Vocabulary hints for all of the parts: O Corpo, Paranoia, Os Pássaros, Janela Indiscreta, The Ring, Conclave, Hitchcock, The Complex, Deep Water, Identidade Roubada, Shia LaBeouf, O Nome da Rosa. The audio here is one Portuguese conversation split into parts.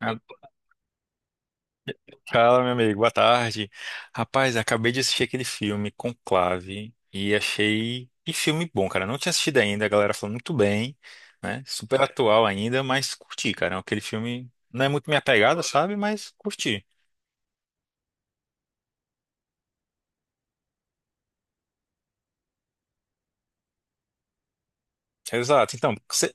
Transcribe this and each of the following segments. Ah, fala, meu amigo, boa tarde. Rapaz, acabei de assistir aquele filme Conclave e achei que filme bom, cara. Não tinha assistido ainda, a galera falou muito bem, né? Super atual ainda, mas curti, cara. Aquele filme não é muito minha pegada, sabe? Mas curti. Exato. Então, você,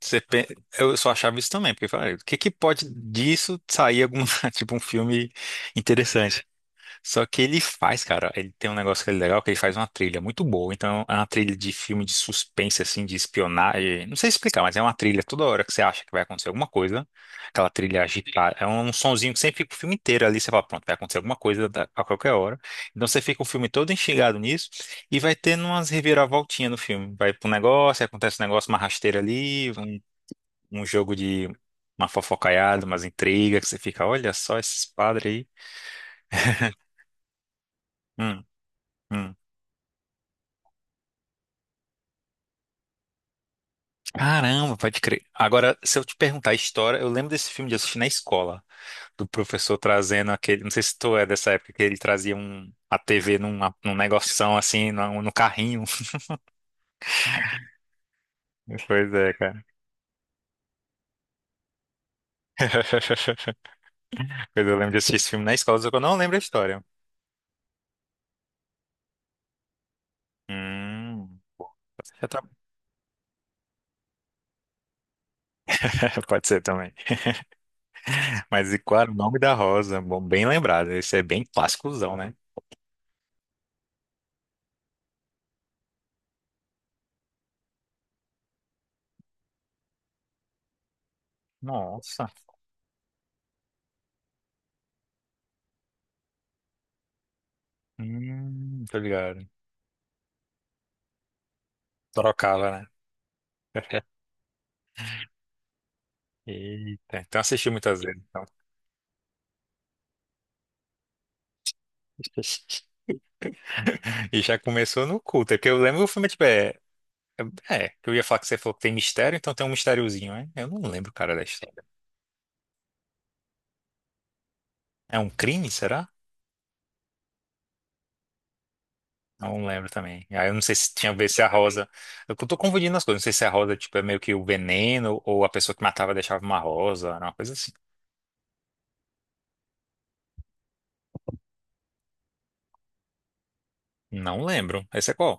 você, pen- eu só achava isso também, porque eu falei, "Ah, o que que pode disso sair alguma, tipo um filme interessante?" Só que ele faz, cara, ele tem um negócio que é legal, que ele faz uma trilha muito boa. Então, é uma trilha de filme de suspense, assim, de espionagem. Não sei explicar, mas é uma trilha toda hora que você acha que vai acontecer alguma coisa. Aquela trilha agitada. É um sonzinho que sempre fica o filme inteiro ali. Você fala, pronto, vai acontecer alguma coisa da- a qualquer hora. Então, você fica o filme todo instigado nisso. E vai tendo umas reviravoltinhas no filme. Vai pro negócio, aí acontece um negócio, uma rasteira ali, um jogo de uma fofocaiada, umas intrigas, que você fica, olha só esses padres aí. Hum. Hum. Caramba, pode crer. Agora, se eu te perguntar a história, eu lembro desse filme de assistir na escola, do professor trazendo aquele. Não sei se tu é dessa época que ele trazia um, a TV numa, num negoção assim, no carrinho. Pois é, cara. Pois eu lembro de assistir esse filme na escola, só que eu não lembro a história. Hum. Já tá- pode ser também. Mas e qual era o nome da rosa? Bom, bem lembrado. Esse é bem clássicozão, né? Nossa. Tô ligado. Trocava, né? Eita, então assisti muitas vezes. Então. E já começou no culto. É porque eu lembro que o filme, tipo, é. É, que eu ia falar que você falou que tem mistério, então tem um mistériozinho, né? Eu não lembro, cara, da história. É um crime, será? Não lembro também. Aí eu não sei se tinha a ver se a Rosa. Eu tô confundindo as coisas. Não sei se a Rosa, tipo, é meio que o veneno, ou a pessoa que matava deixava uma rosa, era uma coisa assim. Não lembro. Esse é qual?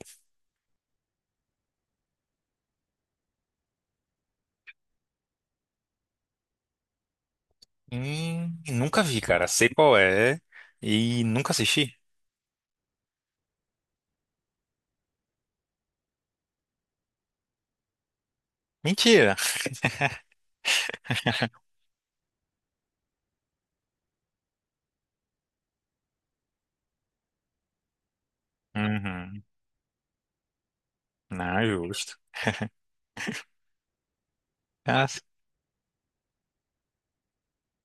Nunca vi, cara. Sei qual é. E nunca assisti. Mentira. Uhum. Não, é justo.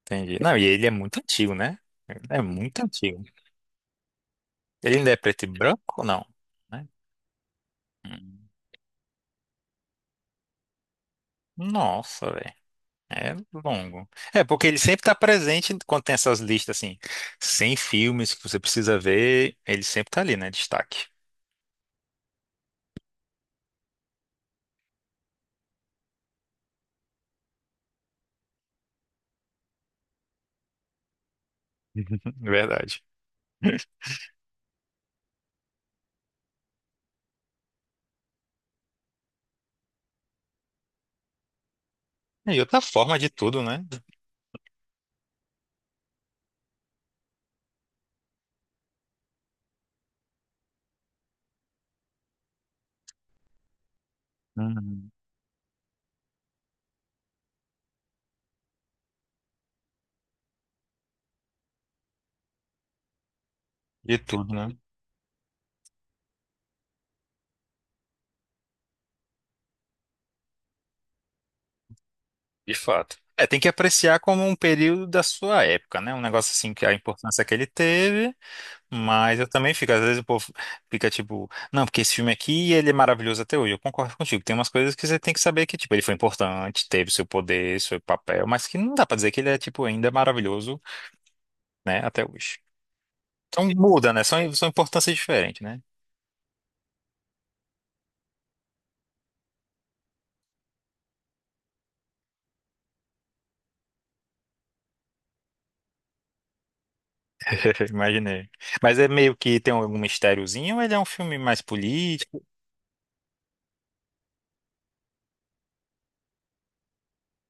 Entendi. Não, e ele é muito antigo, né? Ele é muito antigo. Ele ainda é preto e branco ou não? Né? Hum. Nossa, velho. É longo. É, porque ele sempre tá presente quando tem essas listas, assim, 100 filmes que você precisa ver, ele sempre tá ali, né? Destaque. Verdade. É, e outra forma de tudo, né? Uhum. De tudo, né? De fato. É, tem que apreciar como um período da sua época, né? Um negócio assim que a importância que ele teve. Mas eu também fico, às vezes o povo fica tipo, não, porque esse filme aqui ele é maravilhoso até hoje. Eu concordo contigo. Tem umas coisas que você tem que saber que, tipo, ele foi importante, teve seu poder, seu papel, mas que não dá pra dizer que ele é, tipo, ainda maravilhoso, né, até hoje. Então muda, né? São importâncias diferentes, né? Imaginei. Mas é meio que tem algum mistériozinho, ou ele é um filme mais político?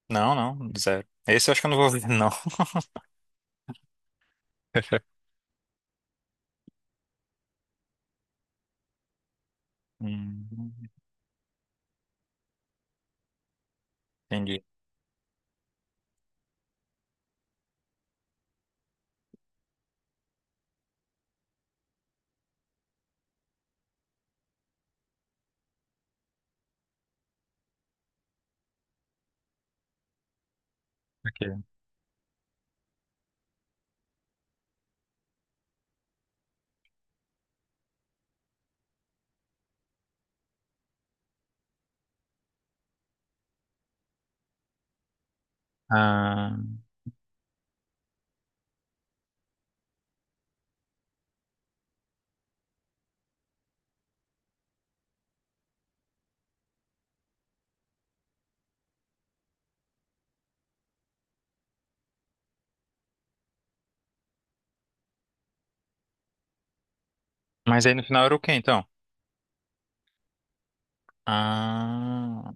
Não, não, zero. Esse eu acho que eu não vou ver, não. Hum, entendi. Ok. Ah, mas aí no final era o quê, então? Ah.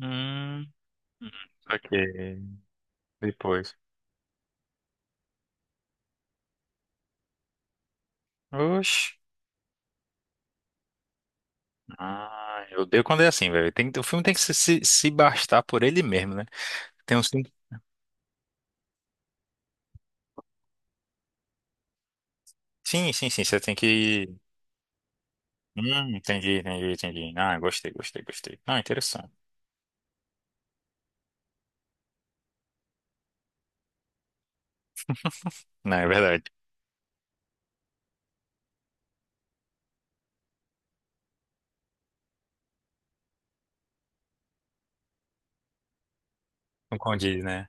Hum, saquei. Depois. Oxi. Ah, eu odeio quando é assim, velho. Tem, que- o filme tem que se, se bastar por ele mesmo, né? Tem uns filmes. Sim, sim, sim. Você tem que. Entendi, entendi, entendi. Ah, gostei, gostei, gostei. Ah, interessante. Não, é verdade. Não condiz, né?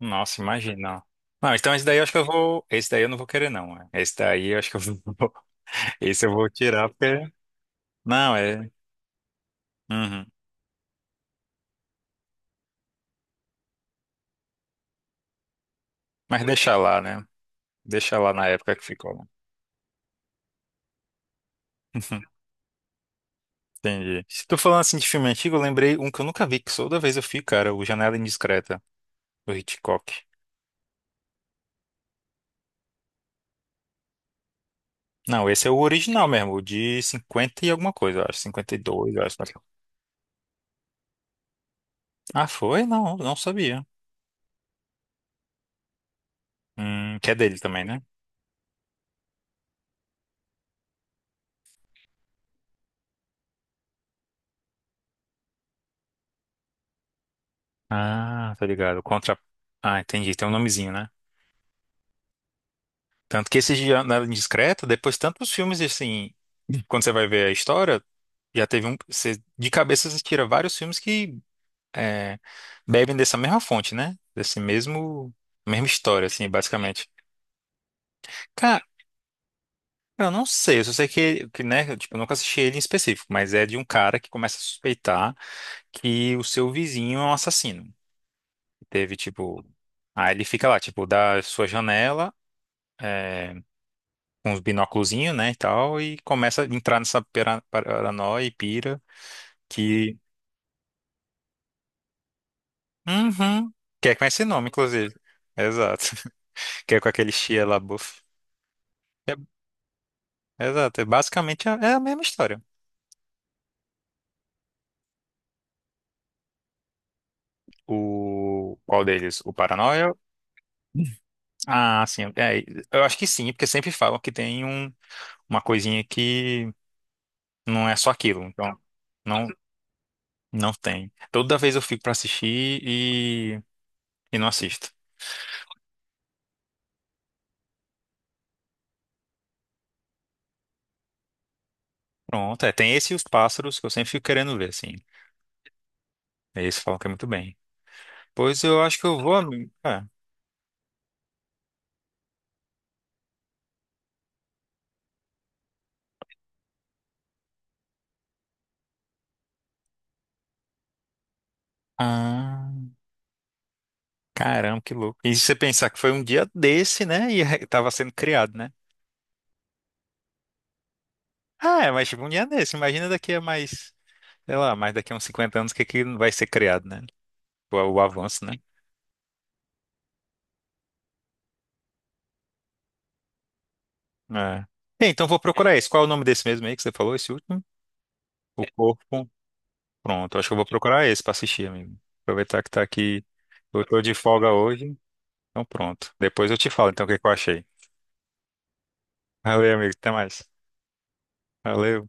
Nossa, imagina. Não. Não, então esse daí eu acho que eu vou. Esse daí eu não vou querer, não. Né? Esse daí eu acho que eu vou. Esse eu vou tirar, porque. Não, é. Uhum. Mas deixa lá, né? Deixa lá na época que ficou, né? Entendi. Se tu falando assim de filme antigo, eu lembrei um que eu nunca vi, que toda vez eu fico, cara, o Janela Indiscreta, do Hitchcock. Não, esse é o original mesmo, o de 50 e alguma coisa, eu acho, 52, eu acho. Ah, foi? Não, não sabia. Que é dele também, né? Ah, tá ligado. Contra... Ah, entendi, tem um nomezinho, né? Tanto que esse Janela Indiscreta, depois tantos filmes, assim, quando você vai ver a história, já teve um... Você, de cabeça, você tira vários filmes que é, bebem dessa mesma fonte, né? Desse mesmo, mesma história, assim, basicamente. Cara, eu não sei, eu só sei que, né, eu, tipo, eu nunca assisti ele em específico, mas é de um cara que começa a suspeitar que o seu vizinho é um assassino. Teve, tipo, aí ele fica lá, tipo, da sua janela, é, com os binóculozinhos, né, e tal, e começa a entrar nessa pera- paranoia e pira que, uhum, que é com esse nome, inclusive. Exato. Que é com aquele Shia LaBeouf. Exato. É. Basicamente é a mesma história. O qual deles? O Paranoia? Ah, sim. É, eu acho que sim, porque sempre falam que tem um, uma coisinha que não é só aquilo. Então, não, não tem. Toda vez eu fico pra assistir e não assisto. Pronto, é. Tem esse e os pássaros que eu sempre fico querendo ver, assim. Esse falam que é muito bem. Pois eu acho que eu vou, amigo. É. Ah, caramba, que louco. E se você pensar que foi um dia desse, né? E tava sendo criado, né? Ah, é, mas tipo, um dia desse. Imagina daqui a mais, sei lá, mais daqui a uns 50 anos o que que vai ser criado, né? O avanço, né? É. Bem, então vou procurar esse. Qual é o nome desse mesmo aí que você falou, esse último? O Corpo. Pronto, acho que eu vou procurar esse pra assistir, amigo. Aproveitar que tá aqui. Eu tô de folga hoje. Então pronto. Depois eu te falo então o que que eu achei. Valeu, amigo. Até mais. Valeu.